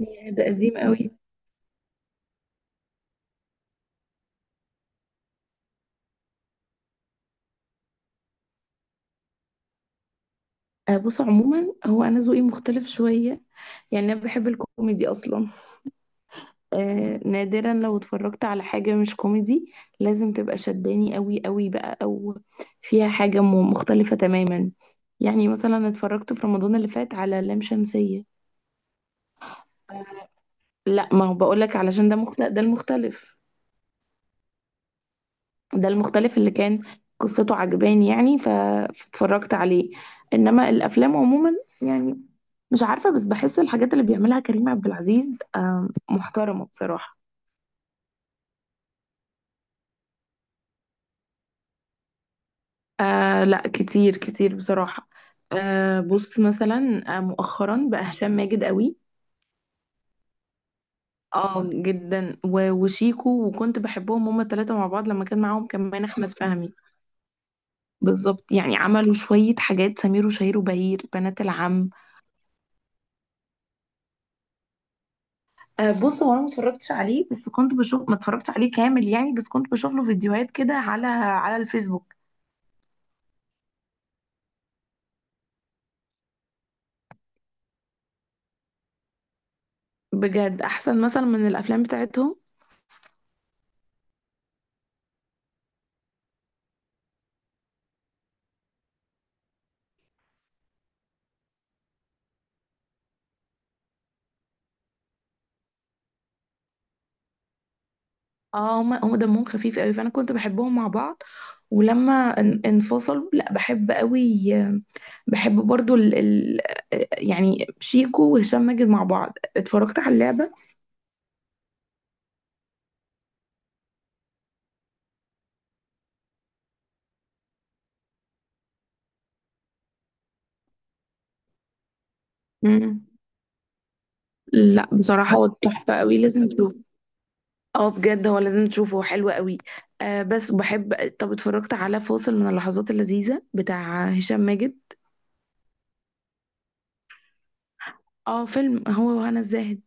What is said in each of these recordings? ياه، ده قديم قوي. آه، بص، عموما هو انا ذوقي مختلف شويه. يعني انا بحب الكوميدي اصلا. آه، نادرا لو اتفرجت على حاجه مش كوميدي لازم تبقى شداني قوي قوي بقى، او فيها حاجه مختلفه تماما. يعني مثلا اتفرجت في رمضان اللي فات على لام شمسيه. لا، ما هو بقولك علشان ده مختلف، ده المختلف. ده المختلف اللي كان قصته عجباني، يعني فاتفرجت عليه. انما الافلام عموما، يعني مش عارفه، بس بحس الحاجات اللي بيعملها كريم عبد العزيز محترمه بصراحه. آه، لا، كتير كتير بصراحه. آه، بص مثلا مؤخرا بقى هشام ماجد قوي. اه، جدا، وشيكو، وكنت بحبهم هما الثلاثه مع بعض لما كان معاهم كمان احمد فهمي. بالظبط. يعني عملوا شويه حاجات، سمير وشهير وبهير، بنات العم. آه، بص، هو انا ما اتفرجتش عليه بس كنت بشوف، ما اتفرجتش عليه كامل يعني، بس كنت بشوف له فيديوهات كده على الفيسبوك. بجد احسن مثلا من الافلام بتاعتهم. اه، هم دمهم خفيف قوي، فانا كنت بحبهم مع بعض. ولما انفصلوا، لا بحب قوي بحب برضو يعني شيكو وهشام ماجد مع بعض، اتفرجت على اللعبة. امم. لا، بصراحة هو تحفة قوي، لازم تشوف. اه، بجد هو لازم تشوفه، هو حلو قوي. آه، بس بحب. طب اتفرجت على فاصل من اللحظات اللذيذة بتاع هشام ماجد. اه، فيلم، هو وهنا الزاهد.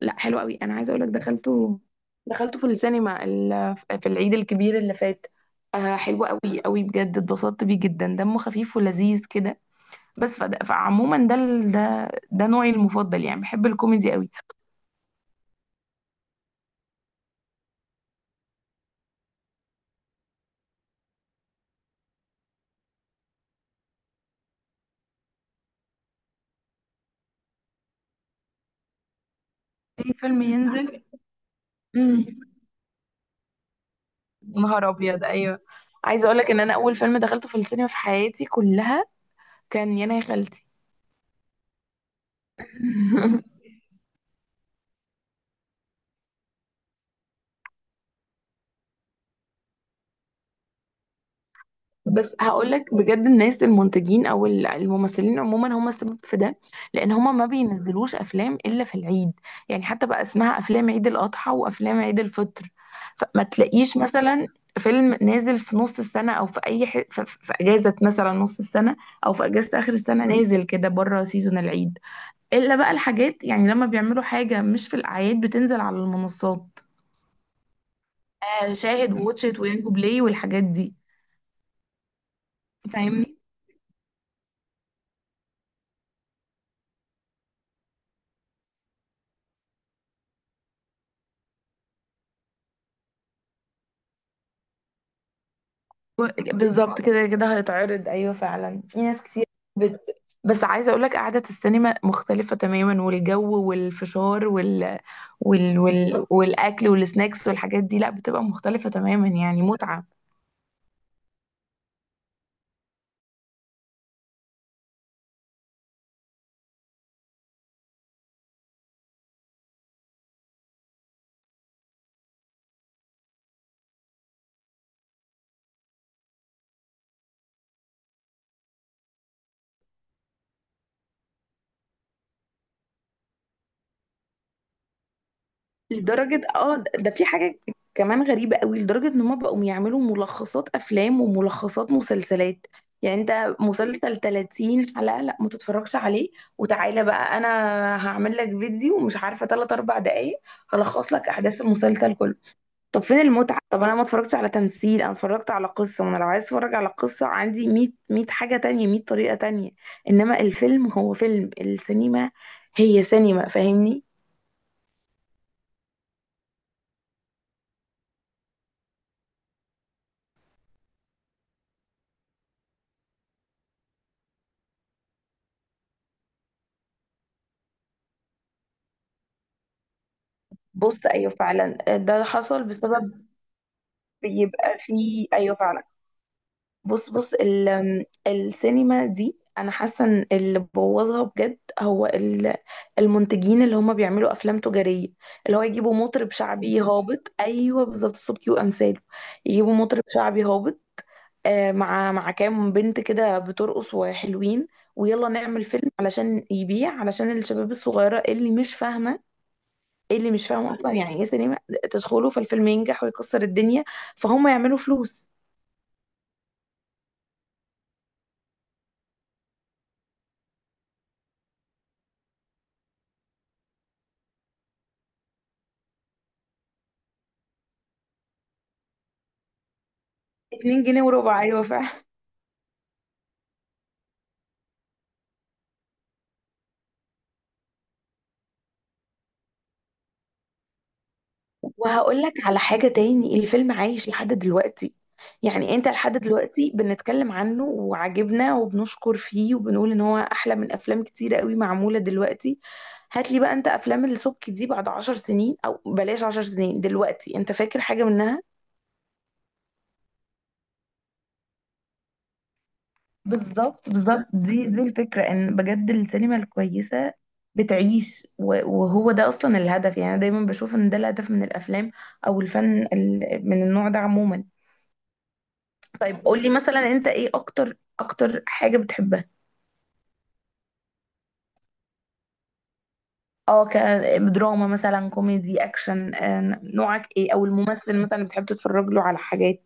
لا، حلو قوي، انا عايزه اقول لك، دخلته في السينما في العيد الكبير اللي فات. آه، حلو قوي قوي، بجد اتبسطت بيه جدا، دمه خفيف ولذيذ كده. بس فعموما ده ال- ده ده نوعي المفضل، يعني بحب الكوميدي قوي. اي فيلم ينزل. مم. نهار ابيض، ايوه. عايزه اقول لك ان انا اول فيلم دخلته في السينما في حياتي كلها كان يانا يا خالتي. بس هقول لك بجد، الناس المنتجين او الممثلين عموما هم السبب في ده. لان هم ما بينزلوش افلام الا في العيد. يعني حتى بقى اسمها افلام عيد الاضحى وافلام عيد الفطر. فما تلاقيش مثلا فيلم نازل في نص السنه، او في اي ح... في... في في اجازه مثلا نص السنه، او في اجازه اخر السنه نازل كده بره سيزون العيد. الا بقى الحاجات، يعني لما بيعملوا حاجة مش في الأعياد بتنزل على المنصات. شاهد ووتشت وينجو بلاي والحاجات دي. فاهمني. بالظبط، كده كده هيتعرض، أيوة فعلا في ناس كتير. بت... بس عايزة أقولك قعدة السينما مختلفة تماما، والجو والفشار والأكل والسناكس والحاجات دي، لا بتبقى مختلفة تماما، يعني متعة. لدرجة ده في حاجة كمان غريبة قوي، لدرجة ان هما بقوا يعملوا ملخصات افلام وملخصات مسلسلات. يعني انت مسلسل 30 حلقة لا ما تتفرجش عليه، وتعالى بقى انا هعمل لك فيديو مش عارفة 3 4 دقايق، هلخص لك احداث المسلسل كله. طب فين المتعة؟ طب انا ما اتفرجتش على تمثيل، انا اتفرجت على قصة، وانا لو عايز اتفرج على قصة عندي 100 100 حاجة تانية، 100 طريقة تانية. انما الفيلم هو فيلم، السينما هي سينما، فاهمني. بص، ايوه فعلا ده حصل بسبب. بيبقى فيه، ايوه فعلا. بص السينما دي، انا حاسه ان اللي بوظها بجد هو المنتجين، اللي هم بيعملوا افلام تجاريه. اللي هو يجيبوا مطرب شعبي هابط. ايوه بالظبط، صوبكي وامثاله. يجيبوا مطرب شعبي هابط مع كام بنت كده بترقص وحلوين. ويلا نعمل فيلم علشان يبيع، علشان الشباب الصغيره اللي مش فاهمه ايه، اللي مش فاهم اصلا يعني ايه سينما، تدخلوا، فالفيلم ينجح ويكسر الدنيا، فهم يعملوا فلوس. 2 جنيه وربع، ايوه فعلا. وهقول لك على حاجه تاني، الفيلم عايش لحد دلوقتي. يعني انت لحد دلوقتي بنتكلم عنه وعجبنا وبنشكر فيه، وبنقول ان هو احلى من افلام كتيره قوي معموله دلوقتي. هات لي بقى انت افلام السبكي دي بعد عشر سنين، او بلاش عشر سنين، دلوقتي انت فاكر حاجه منها؟ بالظبط بالظبط، دي الفكرة، ان بجد السينما الكويسة بتعيش، وهو ده اصلا الهدف، يعني انا دايما بشوف ان ده الهدف من الافلام، او الفن من النوع ده عموما. طيب قولي مثلا، انت ايه اكتر اكتر حاجة بتحبها؟ اه، كدراما مثلا، كوميدي، اكشن نوعك ايه، او الممثل مثلا اللي بتحب تتفرج له على حاجات.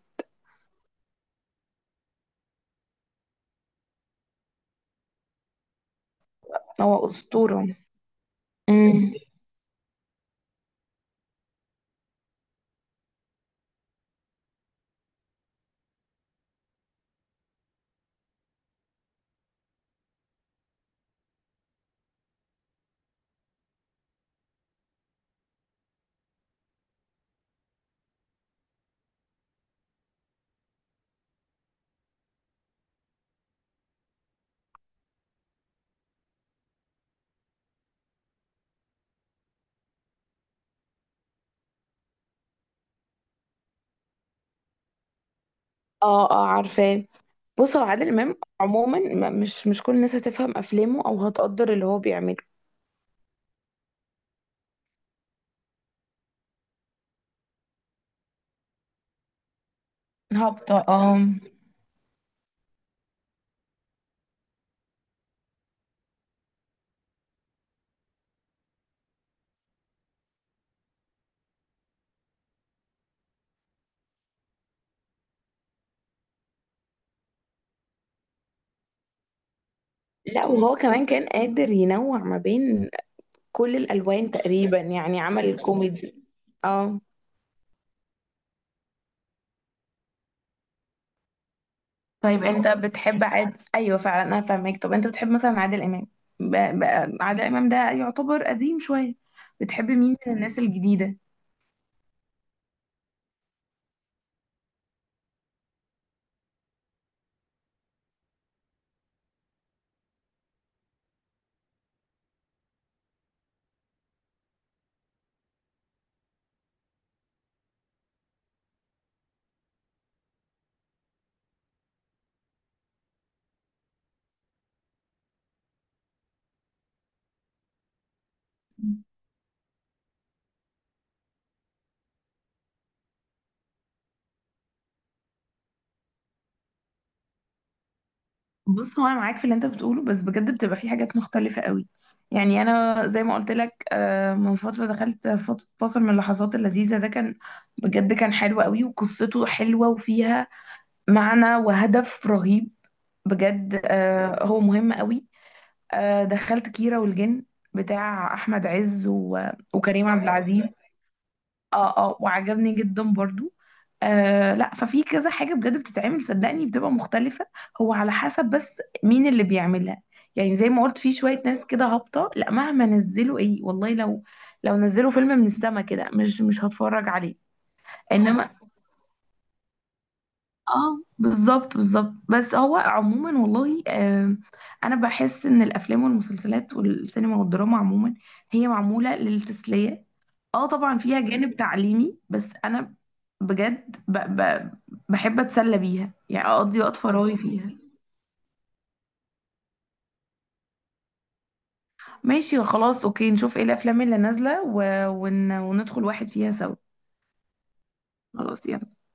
هو اسطورة. امم. اه، اه، عارفاه. بص، هو عادل امام عموما مش كل الناس هتفهم افلامه او هتقدر اللي هو بيعمله. هبطة، اه. لا، وهو كمان كان قادر ينوع ما بين كل الالوان تقريبا، يعني عمل الكوميدي. اه. طيب انت بتحب ايوه فعلا انا فاهمك، طب انت بتحب مثلا عادل امام. ب... ب... عادل امام ده يعتبر قديم شويه، بتحب مين من الناس الجديده؟ بص، هو انا معاك في اللي انت بتقوله، بس بجد بتبقى في حاجات مختلفه قوي. يعني انا زي ما قلت لك، من فتره دخلت فاصل من اللحظات اللذيذه، ده كان بجد كان حلو قوي، وقصته حلوه وفيها معنى وهدف رهيب. بجد هو مهم قوي. دخلت كيرة والجن بتاع احمد عز وكريم عبد العزيز. اه، اه، وعجبني جدا برضو. لا، ففي كذا حاجة بجد بتتعمل، صدقني بتبقى مختلفة. هو على حسب بس مين اللي بيعملها. يعني زي ما قلت في شوية ناس كده هابطة، لا مهما نزلوا ايه، والله لو نزلوا فيلم من السما كده مش هتفرج عليه. انما. اه، بالظبط بالظبط، بس هو عموما والله انا بحس ان الافلام والمسلسلات والسينما والدراما عموما هي معموله للتسليه. اه، طبعا فيها جانب تعليمي، بس انا بجد ب ب بحب اتسلى بيها، يعني اقضي وقت فراغي فيها. ماشي خلاص، اوكي، نشوف ايه الافلام اللي نازله وندخل واحد فيها سوا. خلاص، يلا.